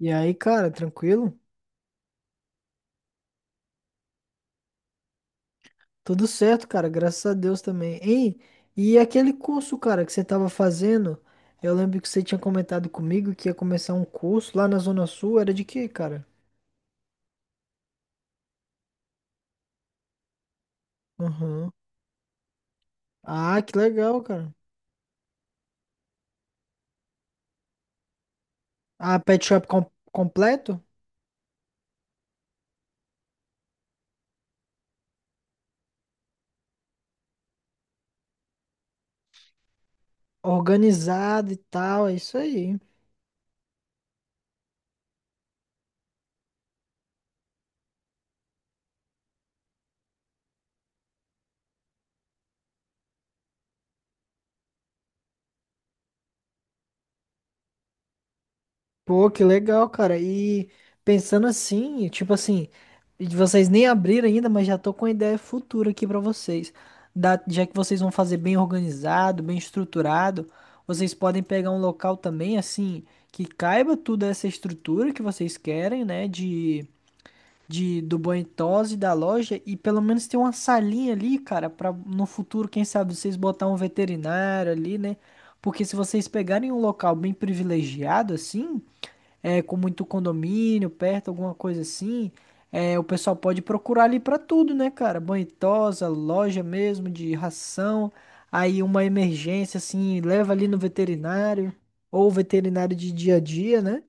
E aí, cara, tranquilo? Tudo certo, cara, graças a Deus também. Hein? E aquele curso, cara, que você tava fazendo, eu lembro que você tinha comentado comigo que ia começar um curso lá na Zona Sul, era de quê, cara? Aham. Ah, que legal, cara. Ah, pet shop completo? Organizado e tal, é isso aí. Pô, que legal, cara. E pensando assim, tipo assim, vocês nem abriram ainda, mas já tô com uma ideia futura aqui pra vocês. Já que vocês vão fazer bem organizado, bem estruturado, vocês podem pegar um local também, assim, que caiba tudo essa estrutura que vocês querem, né? De do Boentosa e da loja, e pelo menos ter uma salinha ali, cara, pra no futuro, quem sabe, vocês botar um veterinário ali, né? Porque se vocês pegarem um local bem privilegiado, assim é, com muito condomínio perto, alguma coisa assim, é, o pessoal pode procurar ali pra tudo, né, cara? Banho e tosa, loja mesmo de ração, aí uma emergência assim, leva ali no veterinário, ou veterinário de dia a dia, né?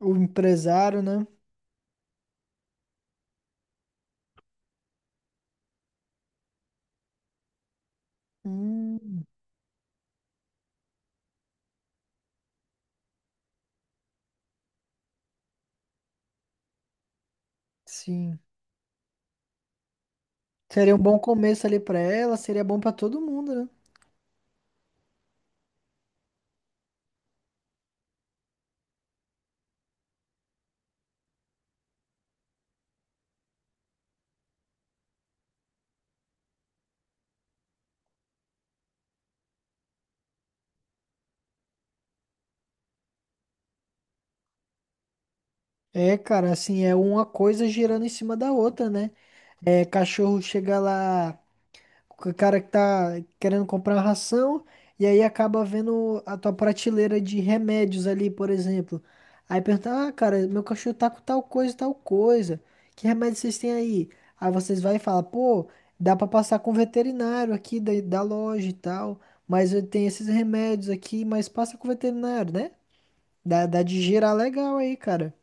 O empresário, né? Hum, sim. Seria um bom começo ali pra ela, seria bom pra todo mundo, né? É, cara, assim, é uma coisa girando em cima da outra, né? É, cachorro chega lá, o cara que tá querendo comprar uma ração e aí acaba vendo a tua prateleira de remédios ali, por exemplo. Aí pergunta, ah, cara, meu cachorro tá com tal coisa, tal coisa. Que remédio vocês têm aí? Aí vocês vai e fala, pô, dá pra passar com o veterinário aqui da, da loja e tal, mas eu tenho esses remédios aqui, mas passa com o veterinário, né? Dá de girar legal aí, cara.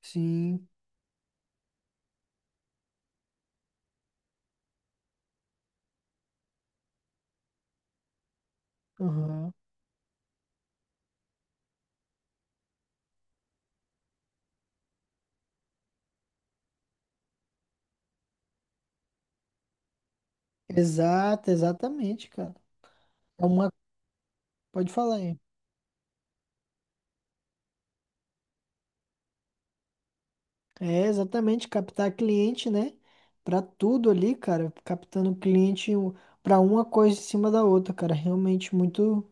Sim. Aham. Exato, exatamente, cara. É uma. Pode falar aí. É, exatamente, captar cliente, né? Pra tudo ali, cara, captando cliente pra uma coisa em cima da outra, cara, realmente muito,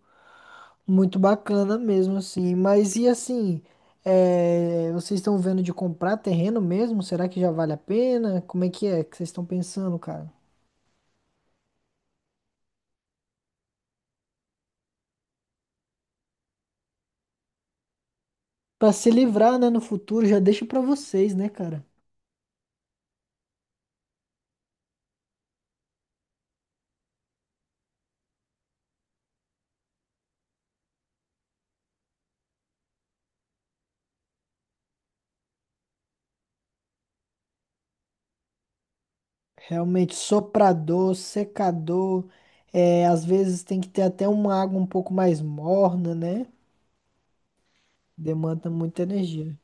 muito bacana mesmo, assim. Mas e assim, é, vocês estão vendo de comprar terreno mesmo? Será que já vale a pena? Como é que vocês estão pensando, cara? Pra se livrar, né, no futuro, já deixa pra vocês, né, cara? Realmente, soprador, secador, é, às vezes tem que ter até uma água um pouco mais morna, né? Demanda muita energia.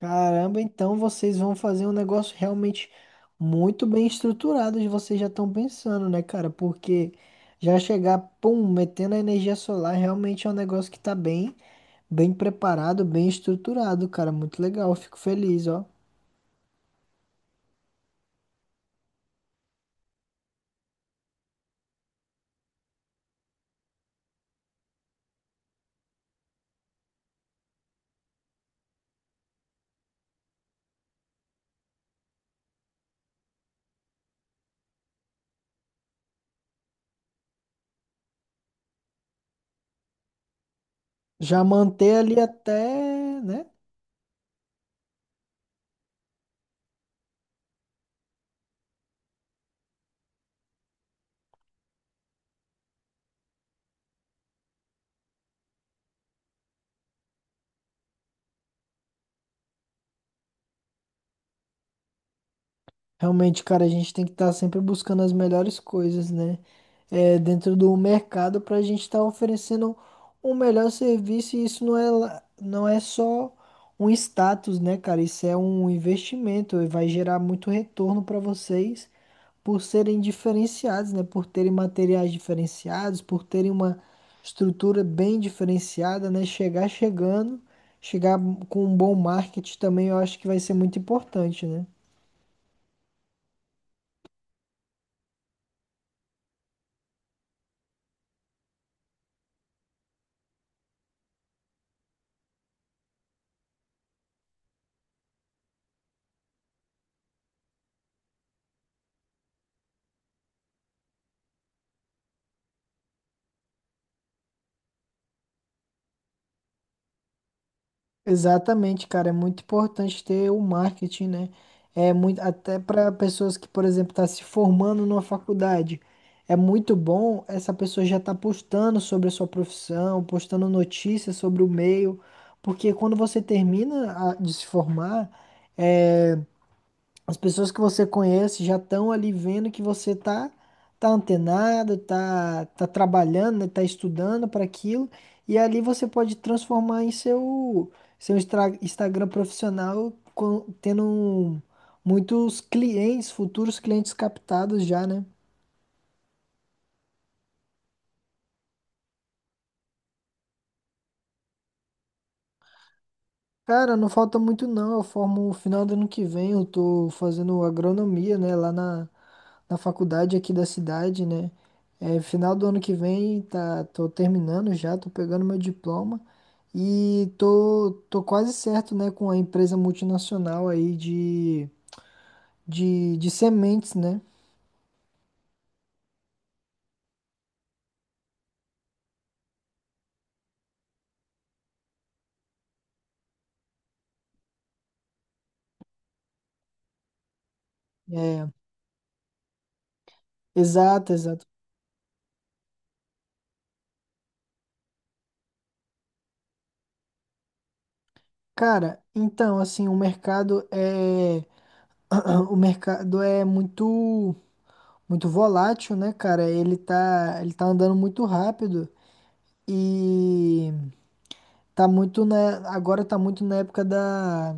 Caramba, então vocês vão fazer um negócio realmente muito bem estruturado, e vocês já estão pensando, né, cara? Porque já chegar, pum, metendo a energia solar, realmente é um negócio que tá bem, bem preparado, bem estruturado, cara. Muito legal, fico feliz, ó. Já manter ali até, né? Realmente, cara, a gente tem que estar sempre buscando as melhores coisas, né? É, dentro do mercado para a gente estar oferecendo um melhor serviço e isso não é, lá- não é só um status, né, cara? Isso é um investimento e vai gerar muito retorno para vocês por serem diferenciados, né? Por terem materiais diferenciados, por terem uma estrutura bem diferenciada, né? Chegar chegando, chegar com um bom marketing também, eu acho que vai ser muito importante, né? Exatamente, cara, é muito importante ter o marketing, né? É muito até para pessoas que, por exemplo, tá se formando numa faculdade. É muito bom essa pessoa já tá postando sobre a sua profissão, postando notícias sobre o meio, porque quando você termina de se formar, eh, as pessoas que você conhece já estão ali vendo que você tá tá antenado, tá trabalhando, né, tá estudando para aquilo, e ali você pode transformar em seu Instagram profissional tendo muitos clientes, futuros clientes captados já, né? Cara, não falta muito não. Eu formo no final do ano que vem, eu tô fazendo agronomia, né, lá na faculdade aqui da cidade, né? É, final do ano que vem, tá, tô terminando já, tô pegando meu diploma e tô, tô quase certo, né, com a empresa multinacional aí de, de sementes, né? É, exato, exato. Cara, então, assim, o mercado é o mercado é muito muito volátil, né, cara? Ele tá andando muito rápido e tá muito na agora tá muito na época da.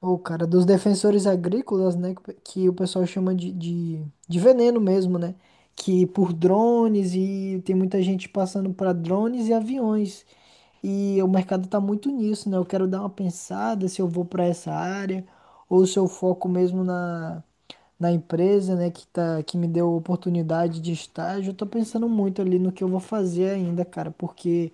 O cara dos defensores agrícolas, né? Que o pessoal chama de, de veneno mesmo, né? Que por drones e tem muita gente passando para drones e aviões. E o mercado tá muito nisso, né? Eu quero dar uma pensada se eu vou para essa área ou se eu foco mesmo na, na empresa, né? Que, tá, que me deu a oportunidade de estágio. Eu tô pensando muito ali no que eu vou fazer ainda, cara, porque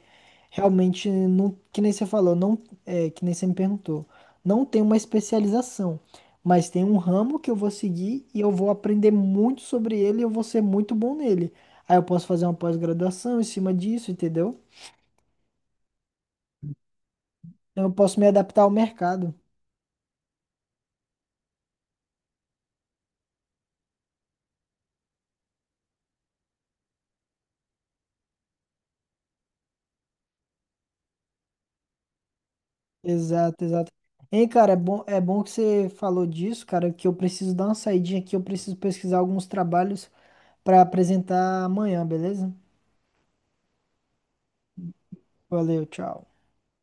realmente não, que nem você falou, não, é, que nem você me perguntou, não tem uma especialização, mas tem um ramo que eu vou seguir e eu vou aprender muito sobre ele e eu vou ser muito bom nele. Aí eu posso fazer uma pós-graduação em cima disso, entendeu? Então eu posso me adaptar ao mercado. Exato, exato. Hein, cara, é bom que você falou disso, cara, que eu preciso dar uma saidinha aqui, eu preciso pesquisar alguns trabalhos para apresentar amanhã, beleza? Valeu, tchau.